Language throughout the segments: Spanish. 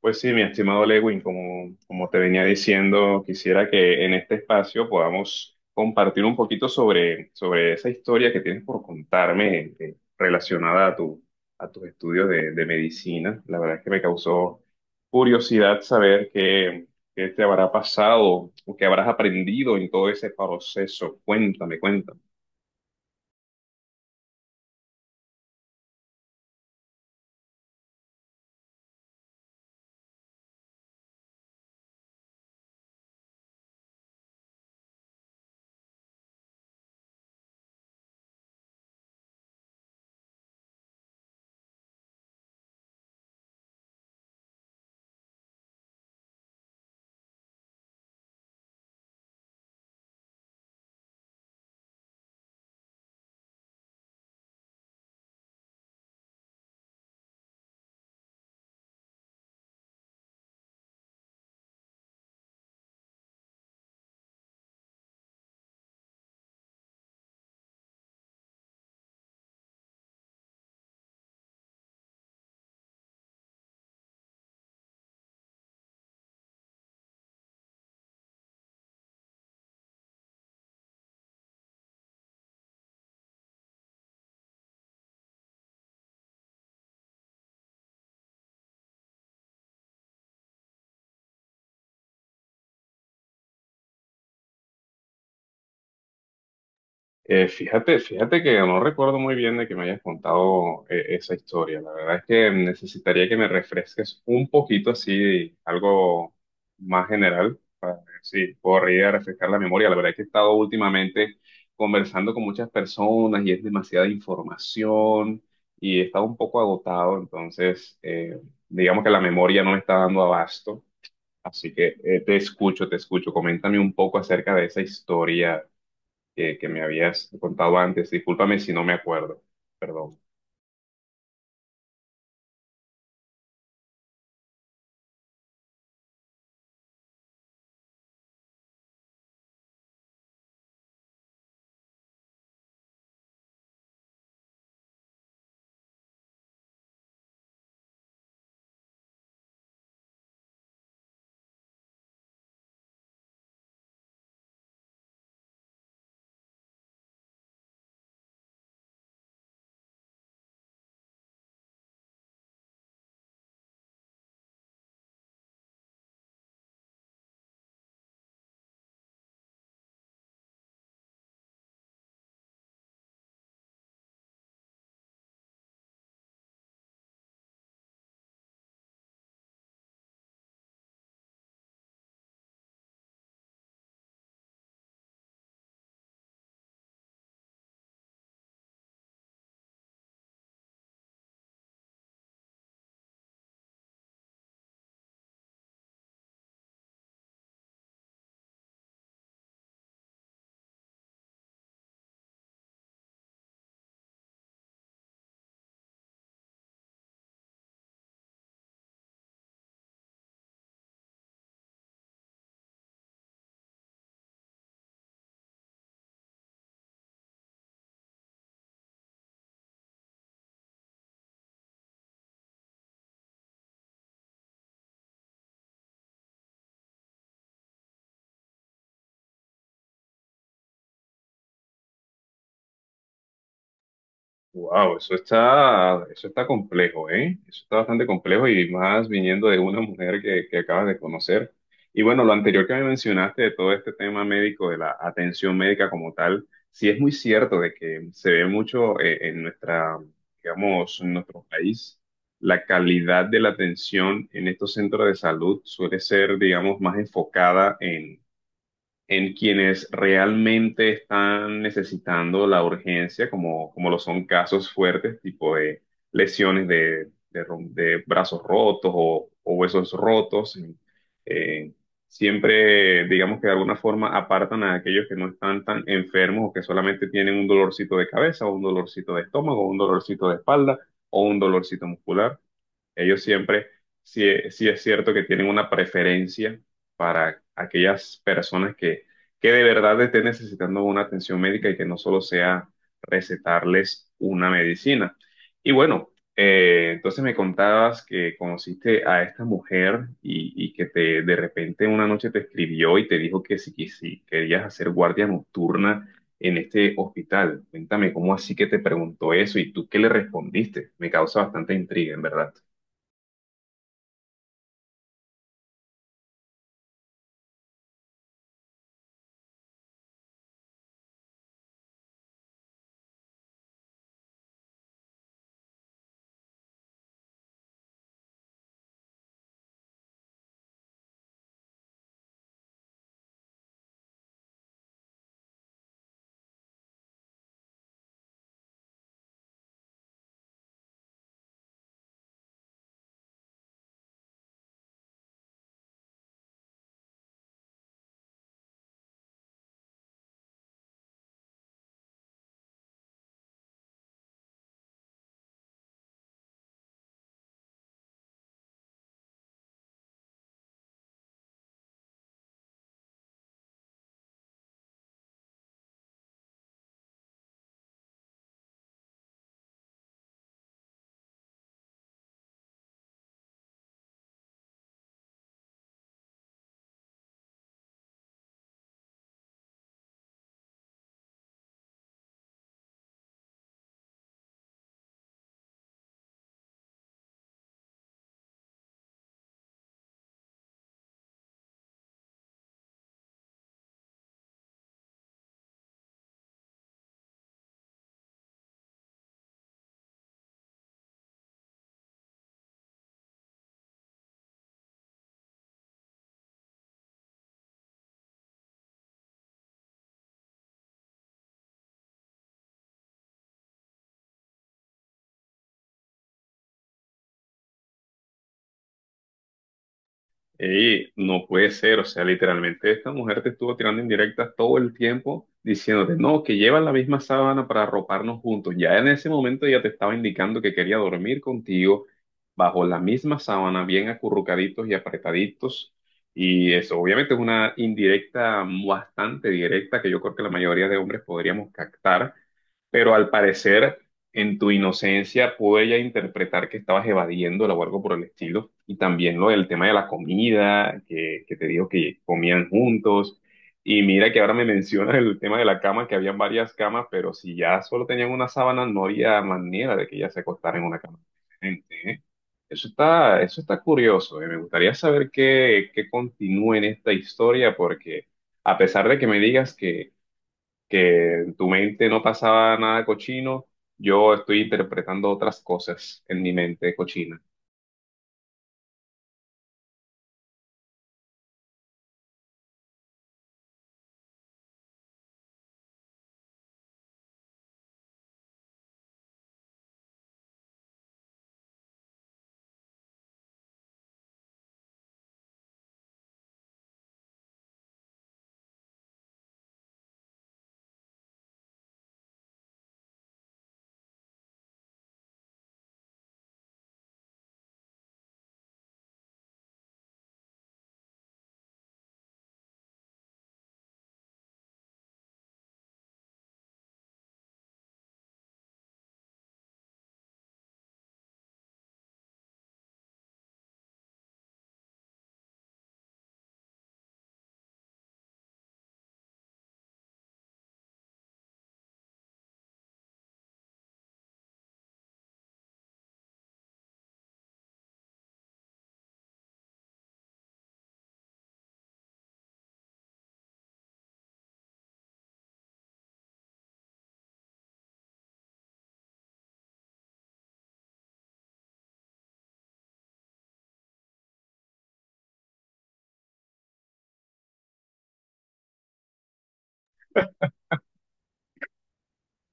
Pues sí, mi estimado Lewin, como te venía diciendo, quisiera que en este espacio podamos compartir un poquito sobre esa historia que tienes por contarme relacionada a tu, a tus estudios de medicina. La verdad es que me causó curiosidad saber qué te habrá pasado o qué habrás aprendido en todo ese proceso. Cuéntame, cuéntame. Fíjate que no recuerdo muy bien de que me hayas contado esa historia. La verdad es que necesitaría que me refresques un poquito así, algo más general, para ver si puedo ir a refrescar la memoria. La verdad es que he estado últimamente conversando con muchas personas y es demasiada información y he estado un poco agotado, entonces digamos que la memoria no me está dando abasto. Así que te escucho, te escucho. Coméntame un poco acerca de esa historia que me habías contado antes. Discúlpame si no me acuerdo. Perdón. Wow, eso está complejo, ¿eh? Eso está bastante complejo y más viniendo de una mujer que acabas de conocer. Y bueno, lo anterior que me mencionaste de todo este tema médico, de la atención médica como tal, sí es muy cierto de que se ve mucho en nuestra, digamos, en nuestro país, la calidad de la atención en estos centros de salud suele ser, digamos, más enfocada en quienes realmente están necesitando la urgencia, como lo son casos fuertes, tipo de lesiones de brazos rotos o huesos rotos. eh, siempre, digamos que de alguna forma apartan a aquellos que no están tan enfermos o que solamente tienen un dolorcito de cabeza o un dolorcito de estómago o un dolorcito de espalda o un dolorcito muscular. Ellos siempre, sí, sí es cierto que tienen una preferencia para aquellas personas que de verdad estén necesitando una atención médica y que no solo sea recetarles una medicina. Y bueno, entonces me contabas que conociste a esta mujer y que te, de repente una noche te escribió y te dijo que si querías hacer guardia nocturna en este hospital. Cuéntame, ¿cómo así que te preguntó eso y tú qué le respondiste? Me causa bastante intriga, en verdad. Ey, no puede ser, o sea, literalmente esta mujer te estuvo tirando indirectas todo el tiempo diciéndote, no, que llevan la misma sábana para arroparnos juntos. Ya en ese momento ya te estaba indicando que quería dormir contigo bajo la misma sábana, bien acurrucaditos y apretaditos. Y eso obviamente es una indirecta bastante directa que yo creo que la mayoría de hombres podríamos captar. Pero al parecer, en tu inocencia, pude ella interpretar que estabas evadiéndola o algo por el estilo. Y también lo del tema de la comida, que te dijo que comían juntos. Y mira que ahora me mencionas el tema de la cama, que habían varias camas, pero si ya solo tenían una sábana, no había manera de que ella se acostara en una cama diferente, ¿eh? Eso está curioso. Eh. Me gustaría saber qué continúa en esta historia, porque a pesar de que me digas que en tu mente no pasaba nada cochino, yo estoy interpretando otras cosas en mi mente cochina.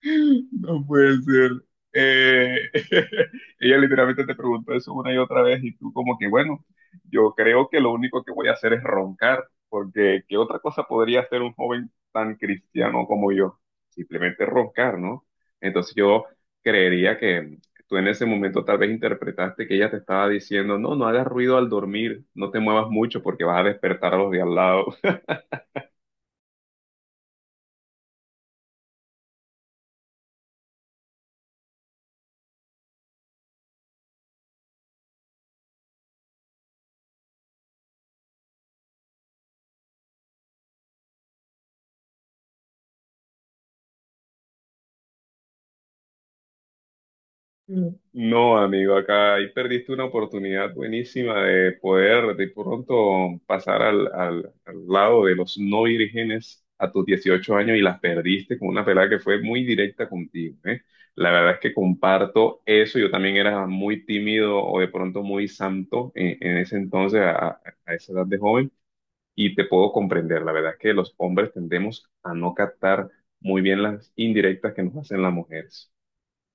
No puede ser. Eh, ella literalmente te preguntó eso una y otra vez y tú como que, bueno, yo creo que lo único que voy a hacer es roncar, porque ¿qué otra cosa podría hacer un joven tan cristiano como yo? Simplemente roncar, ¿no? Entonces yo creería que tú en ese momento tal vez interpretaste que ella te estaba diciendo, no, no hagas ruido al dormir, no te muevas mucho porque vas a despertar a los de al lado. No, amigo, acá ahí perdiste una oportunidad buenísima de poder de pronto pasar al, al lado de los no vírgenes a tus 18 años y las perdiste con una pelada que fue muy directa contigo, ¿eh? La verdad es que comparto eso, yo también era muy tímido o de pronto muy santo en ese entonces, a esa edad de joven, y te puedo comprender, la verdad es que los hombres tendemos a no captar muy bien las indirectas que nos hacen las mujeres.